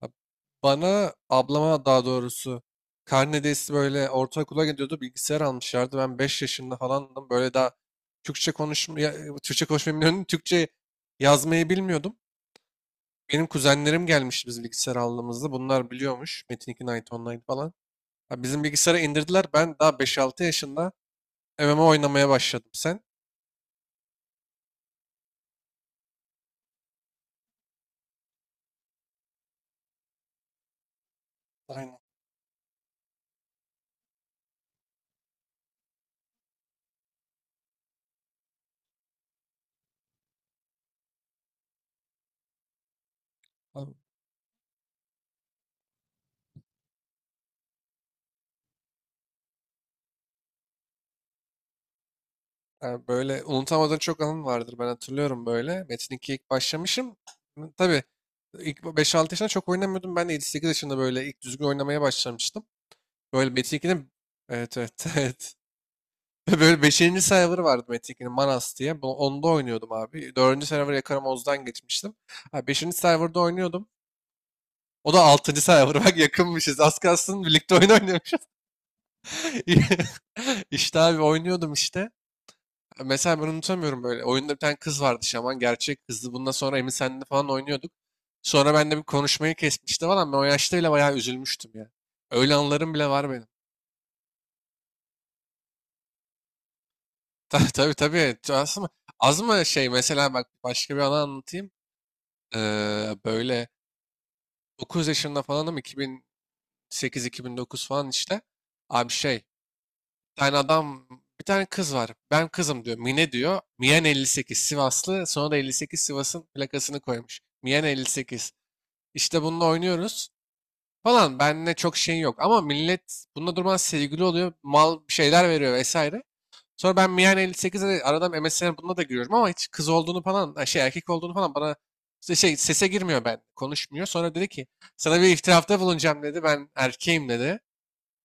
Ab- Bana ablama daha doğrusu karnedeysi böyle ortaokula gidiyordu, bilgisayar almışlardı. Ben 5 yaşında falandım. Böyle daha Türkçe konuşmayı bilmiyordum. Türkçe yazmayı bilmiyordum. Benim kuzenlerim gelmişti biz bilgisayar aldığımızda. Bunlar biliyormuş. Metin 2 Night Online falan. Ha, bizim bilgisayara indirdiler. Ben daha beş altı yaşında MMO oynamaya başladım. Sen? Aynen. Abi, yani böyle unutamadığın çok anın vardır. Ben hatırlıyorum böyle. Metin 2'ye ilk başlamışım. Hı, tabii ilk 5-6 yaşında çok oynamıyordum. Ben de 7-8 yaşında böyle ilk düzgün oynamaya başlamıştım. Böyle Metin 2'nin, evet, evet, evet. Böyle 5. server vardı Metin 2'nin, Manas diye. Onda oynuyordum abi. 4. server Yakarım Oz'dan geçmiştim. 5. serverda oynuyordum. O da 6. server. Bak yakınmışız. Az kalsın birlikte oyun oynuyormuş. İşte abi oynuyordum işte. Mesela ben unutamıyorum böyle. Oyunda bir tane kız vardı, şaman. Gerçek kızdı. Bundan sonra Emin Sen'le falan oynuyorduk. Sonra ben de bir konuşmayı kesmişti falan. Ben o yaşta bile bayağı üzülmüştüm ya. Öyle anılarım bile var benim. Tabii, tabii, tabii. Az mı, az mı şey, mesela bak başka bir anı anlatayım. Böyle 9 yaşında falanım, 2008-2009 falan işte. Abi şey, bir tane adam, bir tane kız var. Ben kızım diyor. Mine diyor. Mian 58 Sivaslı. Sonra da 58 Sivas'ın plakasını koymuş. Mian 58. İşte bununla oynuyoruz falan. Benle çok şey yok. Ama millet bununla durmadan sevgili oluyor. Mal bir şeyler veriyor vesaire. Sonra ben Mian 58'e de aradan MSN bununla da giriyorum ama hiç kız olduğunu falan, ha şey erkek olduğunu falan bana işte şey sese girmiyor ben. Konuşmuyor. Sonra dedi ki sana bir iftirafta bulunacağım dedi. Ben erkeğim dedi.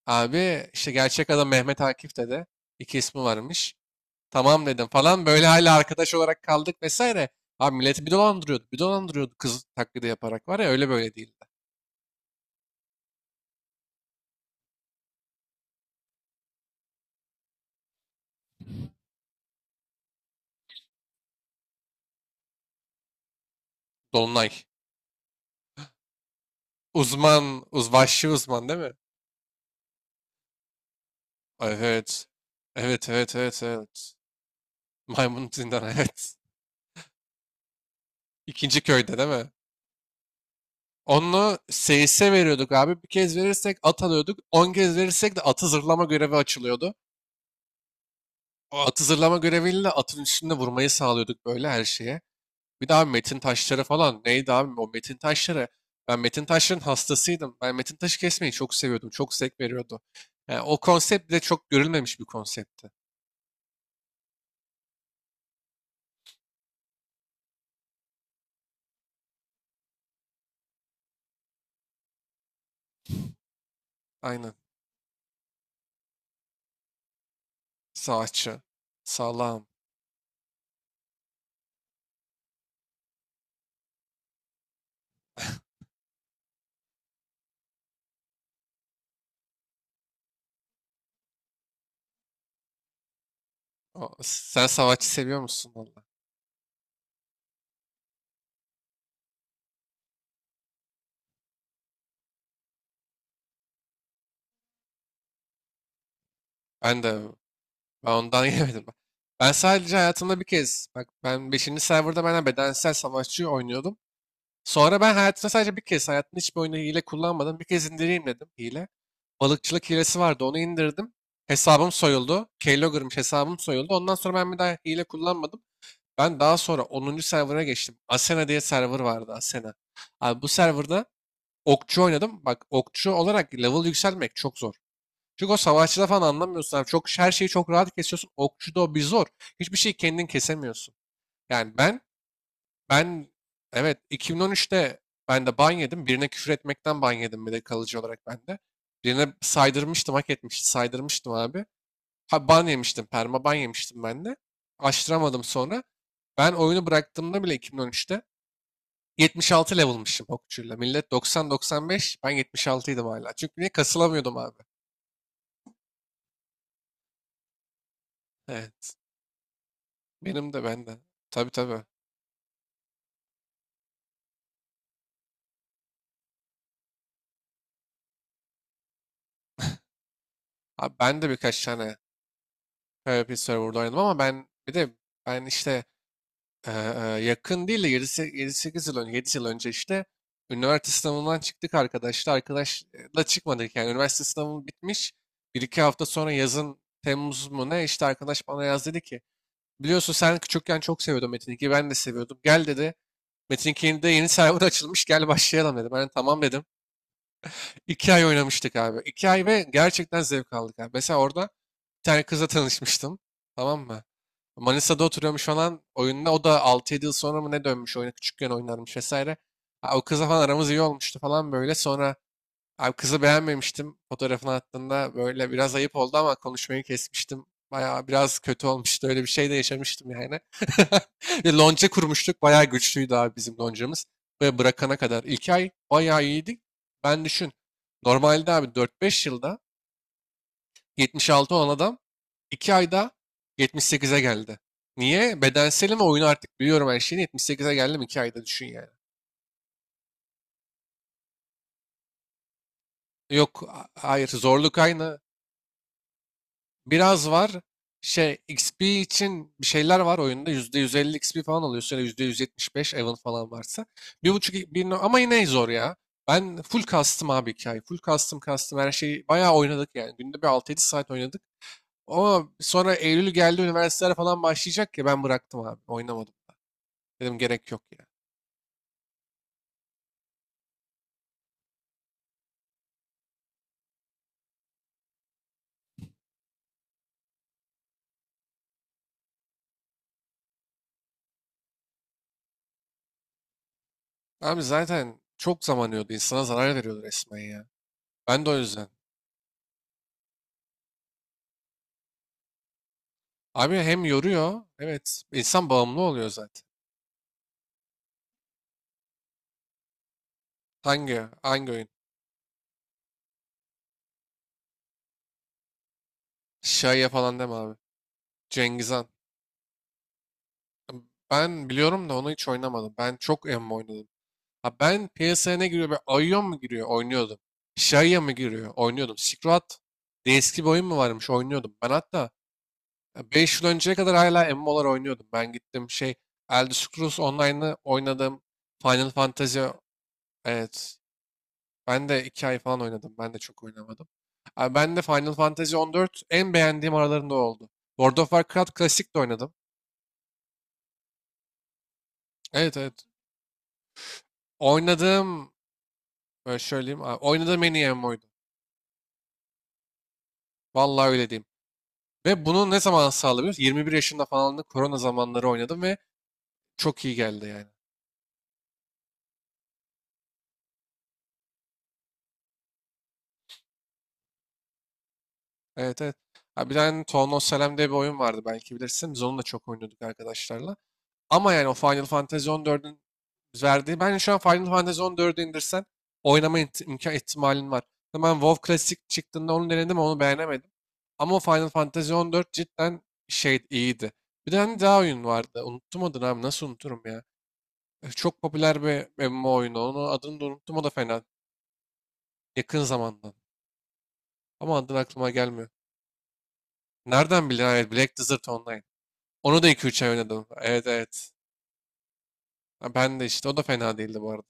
Abi işte gerçek adam Mehmet Akif dedi. İki ismi varmış. Tamam dedim falan. Böyle hala arkadaş olarak kaldık vesaire. Abi milleti bir dolandırıyordu. Bir dolandırıyordu, kız taklidi yaparak var ya, öyle böyle değildi. Dolunay. Uzman, vahşi uzman değil mi? Evet. Evet, evet, evet, evet. Maymun zindan, evet. İkinci köyde değil mi? Onu seyise veriyorduk abi. Bir kez verirsek at alıyorduk. 10 kez verirsek de atı zırlama görevi açılıyordu. O atı zırlama göreviyle atın üstünde vurmayı sağlıyorduk böyle her şeye. Bir daha metin taşları falan. Neydi abi o metin taşları? Ben metin taşların hastasıydım. Ben metin taşı kesmeyi çok seviyordum. Çok zevk veriyordu. Yani o konsept bile çok görülmemiş bir konseptti. Aynen. Savaşçı. Sağlam. Sen savaşçı seviyor musun valla? Ben de, ben ondan yemedim. Ben sadece hayatımda bir kez, bak ben beşinci serverda benden bedensel savaşçı oynuyordum. Sonra ben hayatımda sadece bir kez, hayatımda hiçbir oyunu hile kullanmadım. Bir kez indireyim dedim hile. Balıkçılık hilesi vardı, onu indirdim. Hesabım soyuldu. Keylogger'mış, hesabım soyuldu. Ondan sonra ben bir daha hile kullanmadım. Ben daha sonra onuncu server'a geçtim. Asena diye server vardı, Asena. Abi bu serverda okçu oynadım. Bak okçu olarak level yükselmek çok zor. Çünkü o savaşçıda falan anlamıyorsun abi. Çok, her şeyi çok rahat kesiyorsun. Okçuda o bir zor. Hiçbir şeyi kendin kesemiyorsun. Yani ben evet 2013'te ben de ban yedim. Birine küfür etmekten ban yedim, bir de kalıcı olarak ben de. Birine saydırmıştım, hak etmişti. Saydırmıştım abi. Ha, ban yemiştim, perma ban yemiştim ben de. Açtıramadım sonra. Ben oyunu bıraktığımda bile 2013'te 76 level'mışım okçuyla. Millet doksan doksan beş, ben yetmiş altıydım hala. Çünkü niye kasılamıyordum abi. Evet. Benim de, bende de. Tabii, tabii. Abi ben de birkaç tane PvP server'da oynadım ama ben bir de ben işte e, e, yakın değil de yedi sekiz yıl önce, 7 yıl önce işte üniversite sınavından çıktık arkadaşlar. Arkadaşla çıkmadık yani. Üniversite sınavım bitmiş, bir iki hafta sonra yazın Temmuz mu ne işte arkadaş bana yaz dedi ki biliyorsun sen küçükken çok seviyordun Metin 2'yi. Ben de seviyordum. Gel dedi. Metin 2'nin de yeni server açılmış. Gel başlayalım dedi. Ben de tamam dedim. 2 ay oynamıştık abi. 2 ay ve gerçekten zevk aldık abi. Mesela orada bir tane kızla tanışmıştım. Tamam mı? Manisa'da oturuyormuş falan oyunda. O da altı yedi yıl sonra mı ne dönmüş oyuna. Küçükken oynarmış vesaire. Ha, o kızla falan aramız iyi olmuştu falan böyle. Sonra, abi, kızı beğenmemiştim. Fotoğrafını attığında böyle biraz ayıp oldu ama konuşmayı kesmiştim. Bayağı biraz kötü olmuştu. Öyle bir şey de yaşamıştım yani. Bir lonca kurmuştuk. Bayağı güçlüydü abi bizim loncamız. Ve bırakana kadar. 2 ay bayağı iyiydik. Ben düşün. Normalde abi dört beş yılda 76 olan adam 2 ayda yetmiş sekize geldi. Niye? Bedenselim ve oyunu artık biliyorum her şeyini. 78'e geldim 2 ayda düşün yani. Yok, hayır zorluk aynı. Biraz var. Şey XP için bir şeyler var oyunda. %150 XP falan alıyorsun ya da %175 Evan falan varsa. Bir buçuk bir, ama yine zor ya. Ben full custom abi hikaye. Full custom her şeyi bayağı oynadık yani. Günde bir 6-7 saat oynadık. Ama sonra Eylül geldi, üniversiteler falan başlayacak ya, ben bıraktım abi. Oynamadım. Dedim gerek yok ya. Abi zaten çok zaman yiyordu. İnsana zarar veriyordu resmen ya. Ben de o yüzden. Abi hem yoruyor. Evet. insan bağımlı oluyor zaten. Hangi? Hangi oyun? Şaya falan deme abi. Cengizhan. Ben biliyorum da onu hiç oynamadım. Ben çok emmi oynadım. Ha, ben piyasaya ne giriyor? Böyle Aion mu giriyor? Oynuyordum. Şaya mı giriyor? Oynuyordum. Silk eski bir oyun mu varmış? Oynuyordum. Ben hatta 5 yıl önceye kadar hala emmi olarak oynuyordum. Ben gittim şey Elder Scrolls Online'ı oynadım. Final Fantasy, evet. Ben de 2 ay falan oynadım. Ben de çok oynamadım. Abi ben de Final Fantasy 14 en beğendiğim aralarında oldu. World of Warcraft klasik de oynadım. Evet, evet. Oynadığım şöyle diyeyim. Oynadığım en iyi MMO'ydu. Vallahi öyle diyeyim. Ve bunu ne zaman sağlayabiliyoruz? 21 yaşında falan da korona zamanları oynadım ve çok iyi geldi yani. Evet, evet. Ha, bir tane Town Selam diye bir oyun vardı, belki bilirsin. Biz onu da çok oynuyorduk arkadaşlarla. Ama yani o Final Fantasy 14'ün verdiği. Bence şu an Final Fantasy 14'ü indirsen oynama imkan ihtimalin var. Ben WoW Classic çıktığında onu denedim, onu beğenemedim. Ama o Final Fantasy 14 cidden şey iyiydi. Bir tane daha oyun vardı. Unuttum adını abi. Nasıl unuturum ya? Çok popüler bir MMO oyunu, onun adını da unuttum, o da fena. Yakın zamandan. Ama adını aklıma gelmiyor. Nereden bildin? Evet, Black Desert Online. Onu da iki üç ay oynadım. Evet, evet. Ha, ben de işte. O da fena değildi bu arada.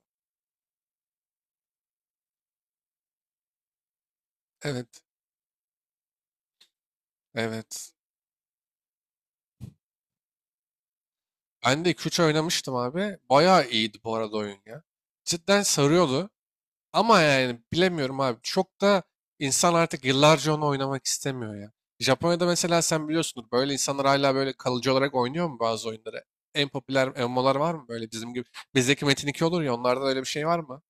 Evet. Evet. Ben de 2-3 oynamıştım abi. Bayağı iyiydi bu arada oyun ya. Cidden sarıyordu. Ama yani bilemiyorum abi. Çok da insan artık yıllarca onu oynamak istemiyor ya. Japonya'da mesela sen biliyorsundur böyle insanlar hala böyle kalıcı olarak oynuyor mu bazı oyunları? En popüler MMO'lar var mı böyle bizim gibi? Bizdeki Metin 2 olur ya, onlarda öyle bir şey var mı?